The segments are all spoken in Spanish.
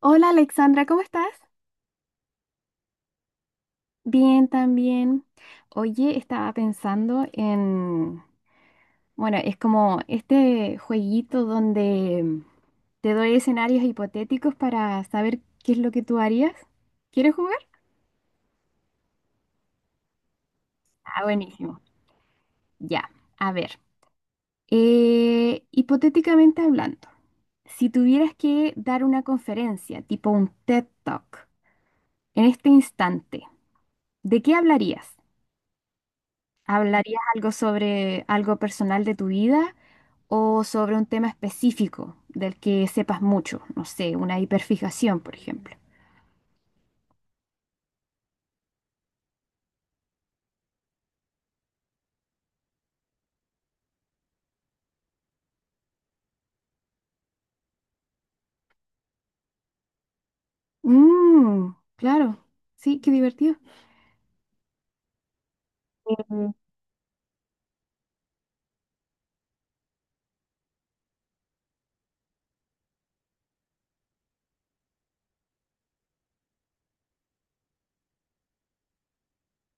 Hola Alexandra, ¿cómo estás? Bien, también. Oye, estaba pensando en, bueno, es como este jueguito donde te doy escenarios hipotéticos para saber qué es lo que tú harías. ¿Quieres jugar? Ah, buenísimo. Ya, a ver. Hipotéticamente hablando, si tuvieras que dar una conferencia, tipo un TED Talk, en este instante, ¿de qué hablarías? ¿Hablarías algo sobre algo personal de tu vida o sobre un tema específico del que sepas mucho? No sé, una hiperfijación, por ejemplo. Mm, claro, sí, qué divertido. Mm.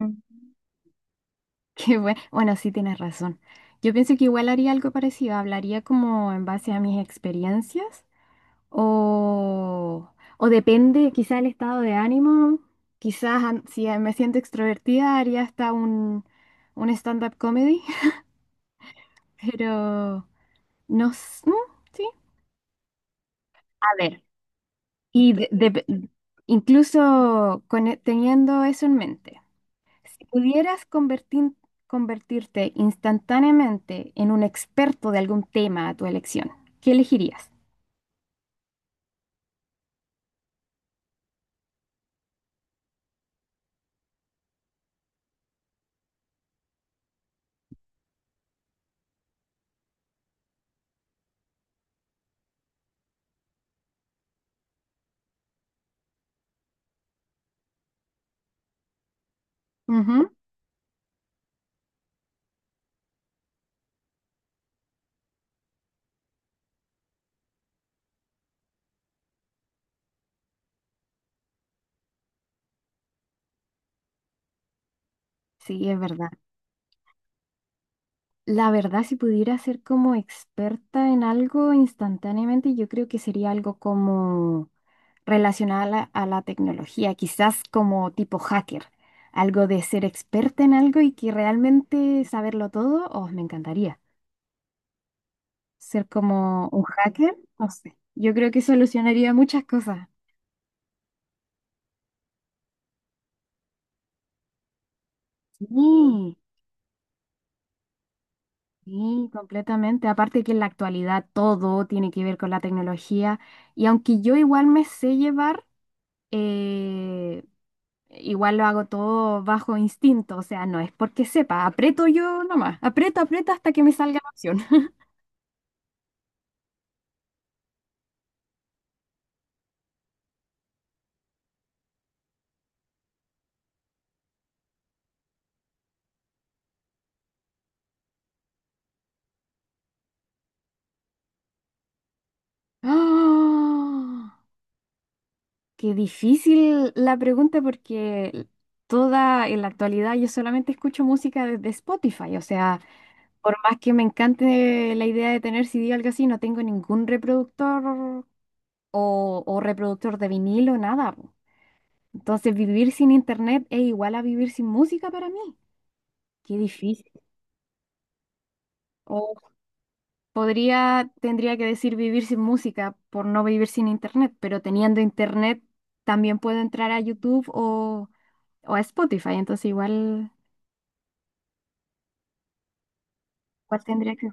Qué bueno. Bueno, sí tienes razón. Yo pienso que igual haría algo parecido. Hablaría como en base a mis experiencias o, o depende quizá el estado de ánimo. Quizás si me siento extrovertida haría hasta un stand-up comedy. Pero no s- mm, sí. A ver. Y incluso con teniendo eso en mente, si pudieras convertirte instantáneamente en un experto de algún tema a tu elección, ¿qué elegirías? Ujú. Sí, es verdad. La verdad, si pudiera ser como experta en algo instantáneamente, yo creo que sería algo como relacionado a la tecnología, quizás como tipo hacker, algo de ser experta en algo y que realmente saberlo todo, oh, me encantaría. Ser como un hacker, no sé. Yo creo que solucionaría muchas cosas. Sí, sí, completamente. Aparte que en la actualidad todo tiene que ver con la tecnología y aunque yo igual me sé llevar, eh, igual lo hago todo bajo instinto, o sea, no es porque sepa, aprieto yo nomás, aprieto, aprieto hasta que me salga la opción. ¡Ah! Qué difícil la pregunta porque toda en la actualidad yo solamente escucho música desde Spotify, o sea, por más que me encante la idea de tener CD o algo así, no tengo ningún reproductor o reproductor de vinilo, nada po. Entonces, vivir sin internet es igual a vivir sin música para mí. Qué difícil. Podría, tendría que decir vivir sin música por no vivir sin internet, pero teniendo internet también puedo entrar a YouTube o a Spotify, entonces igual tendría que.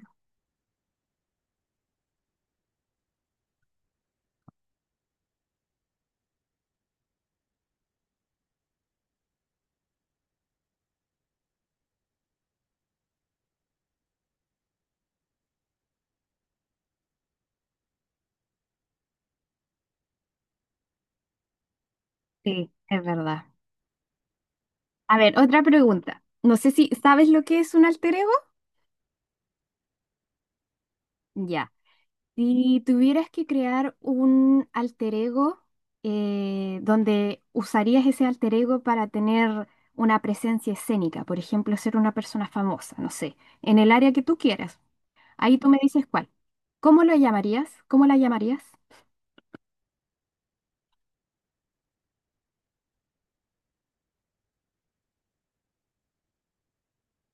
Sí, es verdad. A ver, otra pregunta. No sé si sabes lo que es un alter ego. Ya. Si tuvieras que crear un alter ego donde usarías ese alter ego para tener una presencia escénica, por ejemplo, ser una persona famosa, no sé, en el área que tú quieras. Ahí tú me dices cuál. ¿Cómo lo llamarías? ¿Cómo la llamarías?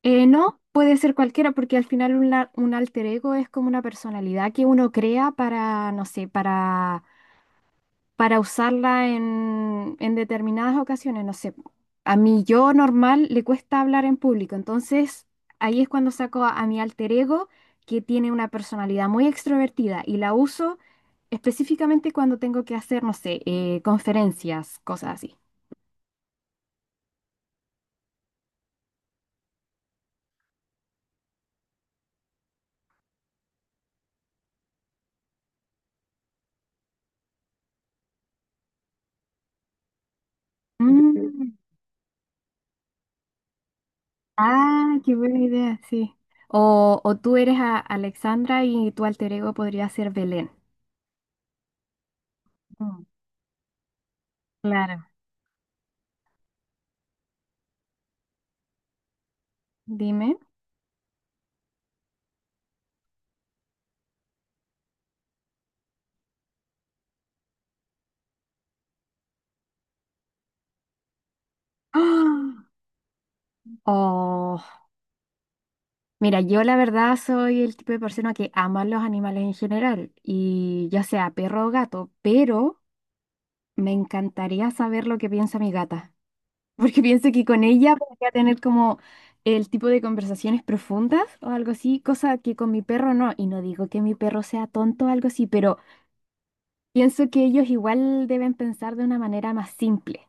No, puede ser cualquiera porque al final un alter ego es como una personalidad que uno crea para, no sé, para usarla en determinadas ocasiones. No sé, a mi yo normal le cuesta hablar en público, entonces ahí es cuando saco a mi alter ego que tiene una personalidad muy extrovertida y la uso específicamente cuando tengo que hacer, no sé, conferencias, cosas así. Mm. Ah, qué buena idea, sí. O tú eres Alexandra y tu alter ego podría ser Belén. Mm, claro. Dime. ¡Ah! Oh, mira, yo la verdad soy el tipo de persona que ama los animales en general, y ya sea perro o gato, pero me encantaría saber lo que piensa mi gata, porque pienso que con ella podría tener como el tipo de conversaciones profundas o algo así, cosa que con mi perro no, y no digo que mi perro sea tonto o algo así, pero. Pienso que ellos igual deben pensar de una manera más simple,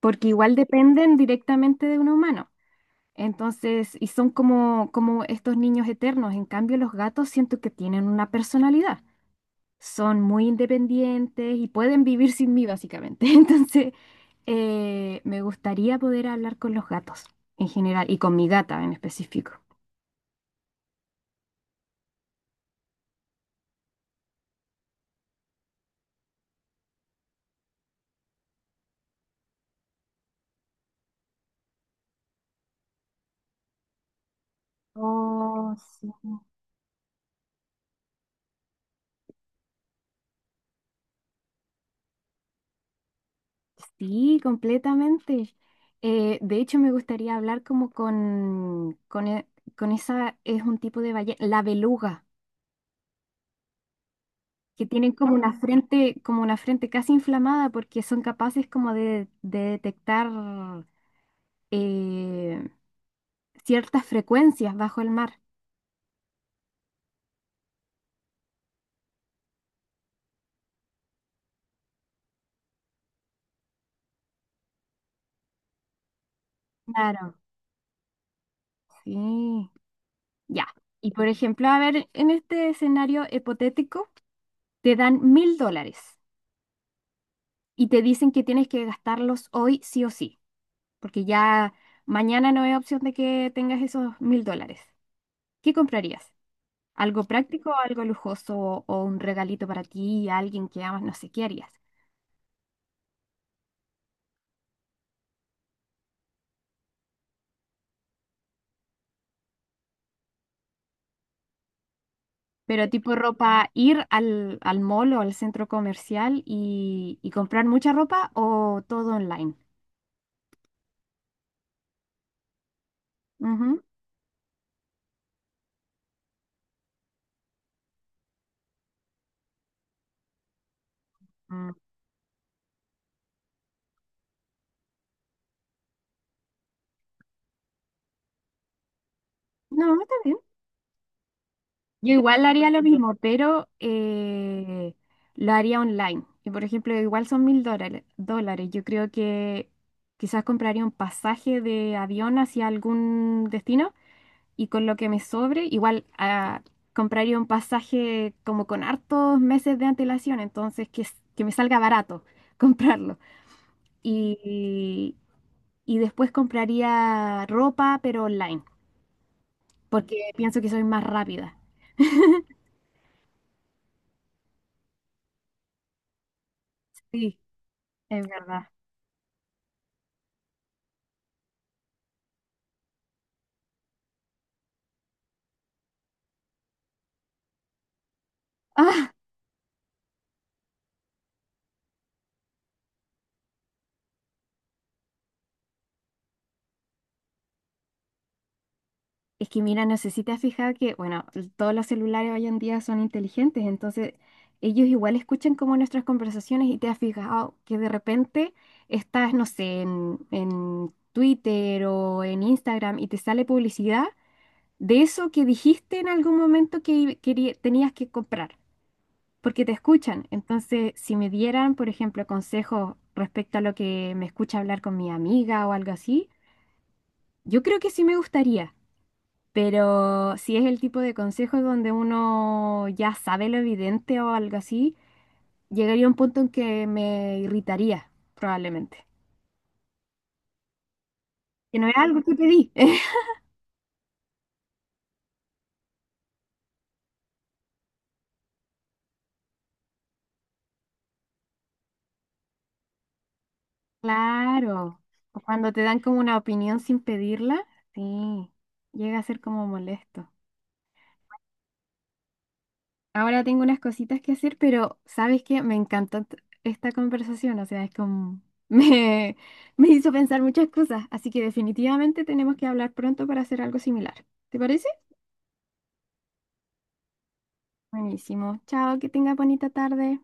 porque igual dependen directamente de un humano. Entonces, y son como estos niños eternos. En cambio, los gatos siento que tienen una personalidad. Son muy independientes y pueden vivir sin mí, básicamente. Entonces, me gustaría poder hablar con los gatos en general y con mi gata en específico. Oh, sí. Sí, completamente. De hecho, me gustaría hablar como con esa, es un tipo de ballena, la beluga, que tienen como una frente, como una frente casi inflamada porque son capaces como de detectar eh, ciertas frecuencias bajo el mar. Claro, sí, ya. Y por ejemplo, a ver, en este escenario hipotético, te dan $1.000 y te dicen que tienes que gastarlos hoy sí o sí, porque ya mañana no hay opción de que tengas esos $1.000. ¿Qué comprarías? ¿Algo práctico, algo lujoso o un regalito para ti y a alguien que amas? No sé, ¿qué harías? Pero tipo ropa, ir al mall o al centro comercial y comprar mucha ropa o todo online. Ujú. Mm. No, está bien. Yo igual haría lo mismo, pero lo haría online. Y por ejemplo, igual son mil dólares. Yo creo que quizás compraría un pasaje de avión hacia algún destino y con lo que me sobre, igual compraría un pasaje como con hartos meses de antelación, entonces que me salga barato comprarlo. Y, y después compraría ropa, pero online, porque pienso que soy más rápida. Sí, es verdad. Es que mira, no sé si te has fijado que, bueno, todos los celulares hoy en día son inteligentes, entonces ellos igual escuchan como nuestras conversaciones y te has fijado que de repente estás, no sé, en Twitter o en Instagram y te sale publicidad de eso que dijiste en algún momento que tenías que comprar, porque te escuchan. Entonces, si me dieran, por ejemplo, consejos respecto a lo que me escucha hablar con mi amiga o algo así, yo creo que sí me gustaría. Pero si es el tipo de consejos donde uno ya sabe lo evidente o algo así, llegaría a un punto en que me irritaría, probablemente. Que no es algo que pedí. Claro. O cuando te dan como una opinión sin pedirla, sí, llega a ser como molesto. Ahora tengo unas cositas que hacer, pero ¿sabes qué? Me encantó esta conversación. O sea, es como. Me, me hizo pensar muchas cosas. Así que definitivamente tenemos que hablar pronto para hacer algo similar. ¿Te parece? Buenísimo. Chao, que tenga bonita tarde.